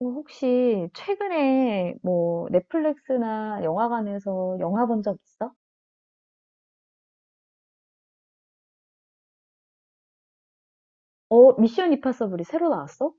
어, 혹시 최근에 뭐 넷플릭스나 영화관에서 영화 본 적 있어? 어, 미션 임파서블이 새로 나왔어?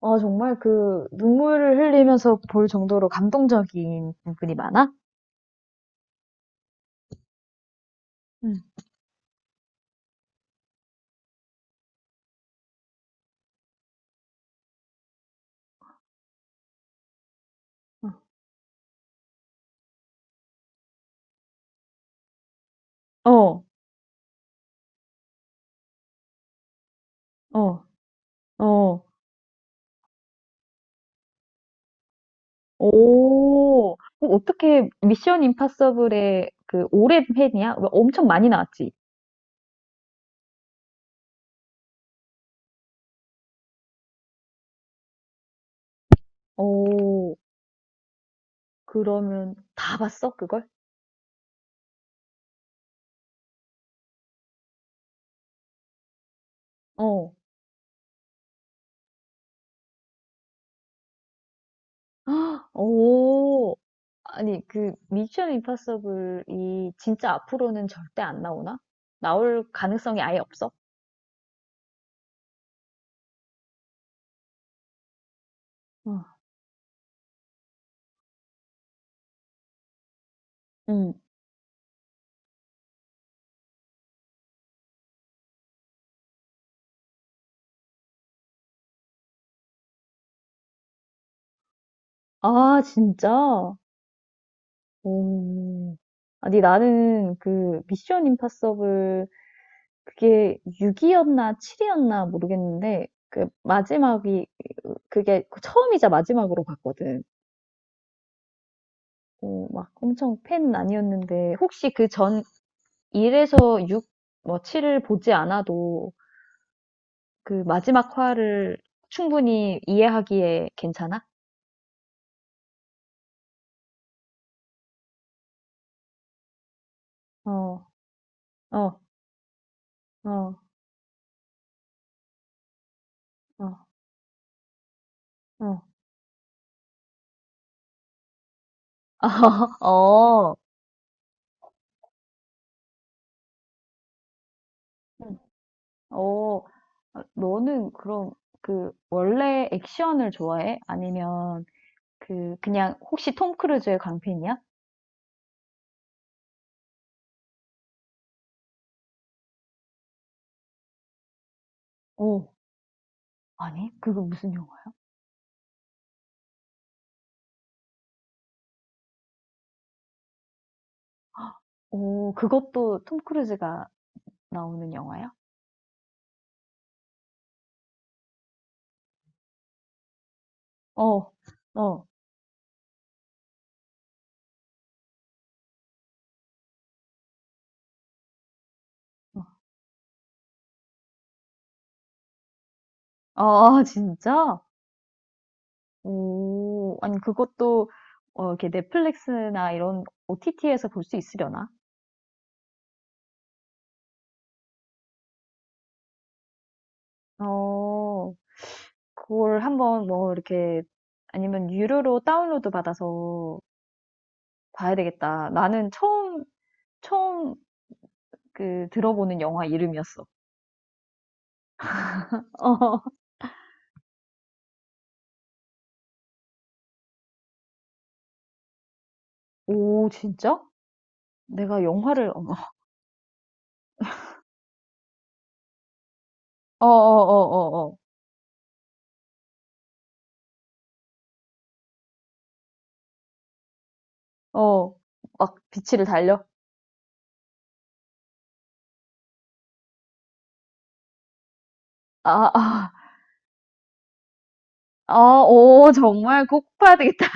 어, 정말 그 눈물을 흘리면서 볼 정도로 감동적인 부분이 많아? 응. 어, 어, 어. 오, 어, 어떻게 미션 임파서블의 그 오랜 팬이야? 왜 엄청 많이 나왔지? 오, 그러면 다 봤어, 그걸? 어, 오. 아니, 그 미션 임파서블이 진짜 앞으로는 절대 안 나오나? 나올 가능성이 아예 없어? 아, 응. 아, 진짜? 오. 아니, 나는 그 미션 임파서블 그게 6이었나 7이었나 모르겠는데 그 마지막이 그게 처음이자 마지막으로 봤거든. 어, 막 엄청 팬은 아니었는데 혹시 그전 1에서 6, 뭐 7을 보지 않아도 그 마지막 화를 충분히 이해하기에 괜찮아? 어, 어, 어, 어, 어. 어, 응. 어, 아, 너는 그럼 그 원래 액션을 좋아해? 아니면 그 그냥 혹시 톰 크루즈의 광팬이야? 오, 아니, 그거 무슨 영화야? 오, 그것도 톰 크루즈가 나오는 영화야? 어, 어, 어. 아, 진짜? 오. 아니 그것도 어 이렇게 넷플릭스나 이런 OTT에서 볼 수 있으려나? 어. 그걸 한번 뭐 이렇게 아니면 유료로 다운로드 받아서 봐야 되겠다. 나는 처음 그 들어보는 영화 이름이었어. 어. 오, 진짜? 내가 영화를 어머. 어어어어어. 어. 어, 어, 어, 어. 막 빛을 달려? 아, 아, 아, 오, 정말 꼭 봐야 되겠다.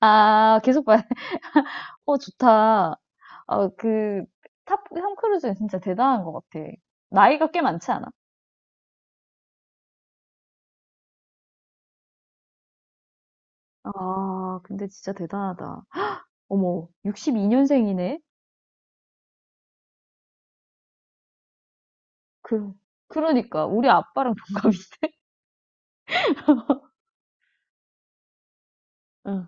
아, 계속 봐야 돼. 어, 좋다. 어, 그, 톰 크루즈는 진짜 대단한 것 같아. 나이가 꽤 많지 않아? 아, 근데 진짜 대단하다. 어머, 62년생이네? 그, 그러니까, 우리 아빠랑 동갑이. 응.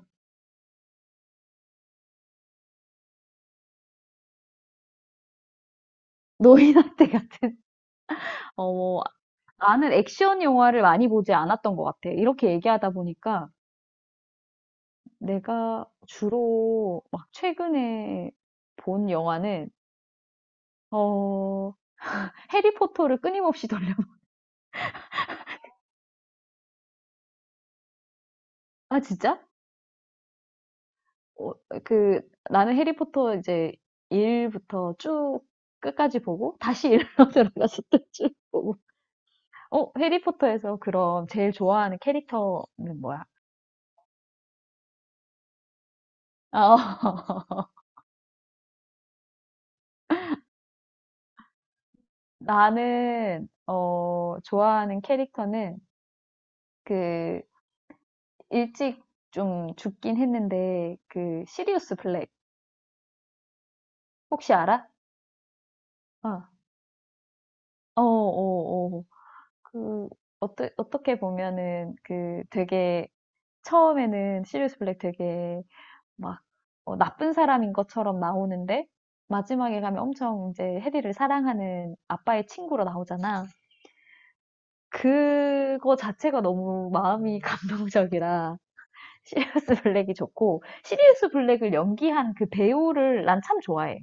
너희 나이 같은. 어머, 나는 액션 영화를 많이 보지 않았던 것 같아. 이렇게 얘기하다 보니까 내가 주로 막 최근에 본 영화는, 어, 해리포터를 끊임없이 돌려. 아 진짜? 어, 그 나는 해리포터 이제 일부터 쭉 끝까지 보고 다시 일로 들어가서 또 쭉 보고. 어, 해리포터에서 그럼 제일 좋아하는 캐릭터는 뭐야? 아, 어, 나는 어, 좋아하는 캐릭터는 그 일찍 좀 죽긴 했는데 그 시리우스 블랙 혹시 알아? 어, 어, 어, 어. 그 어떻게 보면은 그 되게 처음에는 시리우스 블랙 되게 막 어, 나쁜 사람인 것처럼 나오는데 마지막에 가면 엄청 이제 해리를 사랑하는 아빠의 친구로 나오잖아. 그거 자체가 너무 마음이 감동적이라 시리우스 블랙이 좋고 시리우스 블랙을 연기한 그 배우를 난 참 좋아해.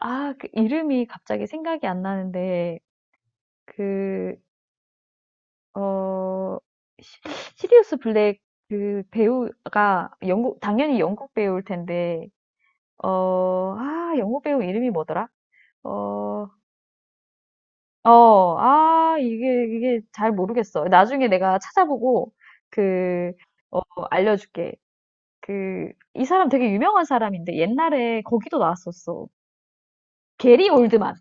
아, 그 이름이 갑자기 생각이 안 나는데 그 어, 시- 시리우스 블랙 그 배우가 영국 당연히 영국 배우일 텐데 어, 아, 영국 배우 이름이 뭐더라? 어, 어, 아, 이게 잘 모르겠어. 나중에 내가 찾아보고, 그, 어, 알려줄게. 그, 이 사람 되게 유명한 사람인데, 옛날에 거기도 나왔었어. 게리 올드만.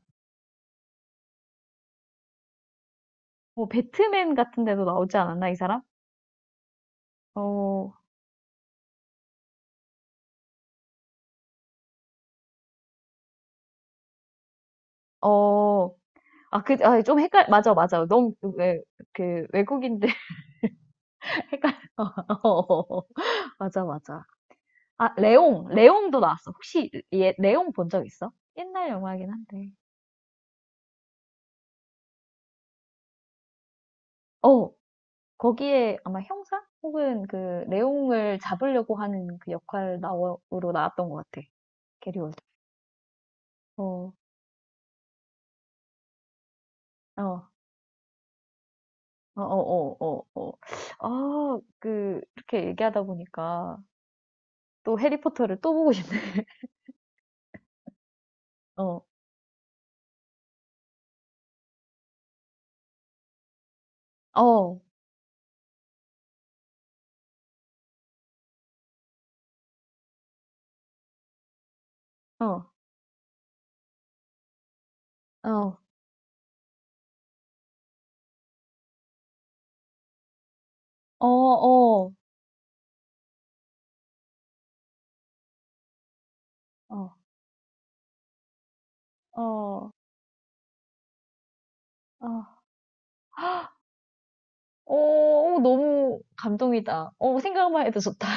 뭐, 배트맨 같은 데도 나오지 않았나, 이 사람? 어, 어, 아, 그, 아, 맞아, 맞아. 너무, 왜, 그, 외국인데 헷갈려. 맞아, 맞아. 아, 레옹. 레옹도 나왔어. 혹시 얘 레옹 본 적 있어? 옛날 영화긴 한데. 어, 거기에 아마 형사 혹은 그 레옹을 잡으려고 하는 그 역할 나오로 나왔던 것 같아. 게리 올드. 어, 어, 어, 어, 어, 어, 어. 아, 그 이렇게 얘기하다 보니까 또 해리포터를 또 보고 싶네. 어, 어, 어, 어, 어, 어, 어, 어, 어. 어, 어, 너무 감동이다. 어, 생각만 해도 좋다.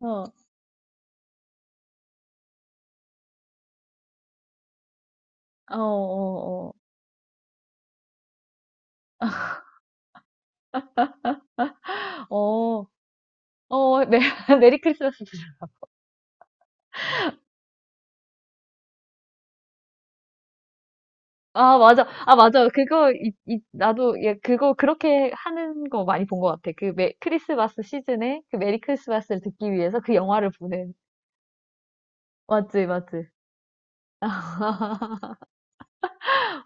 어. 어, 어, 어, 어, 어, 메리 크리스마스 보자. 아, 맞아. 아, 맞아. 그거, 이, 나도, 예, 그거, 그렇게 하는 거 많이 본 것 같아. 그 크리스마스 시즌에 그 메리 크리스마스를 듣기 위해서 그 영화를 보는. 맞지, 맞지.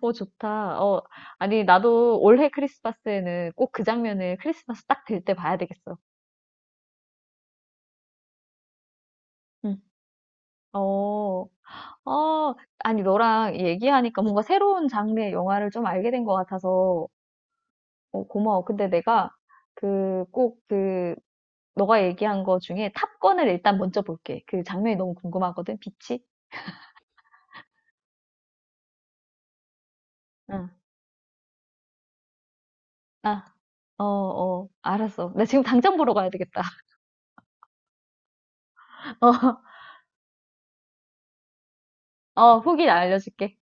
어, 좋다. 어, 아니, 나도 올해 크리스마스에는 꼭 그 장면을 크리스마스 딱 될 때 봐야 되겠어. 응. 어, 어, 아니, 너랑 얘기하니까 뭔가 새로운 장르의 영화를 좀 알게 된 것 같아서 어, 고마워. 근데 내가 그 꼭 그 너가 얘기한 거 중에 탑건을 일단 먼저 볼게. 그 장면이 너무 궁금하거든. 빛이. 응. 아, 어, 어, 알았어. 나 지금 당장 보러 가야 되겠다. 어, 어, 후기 알려줄게.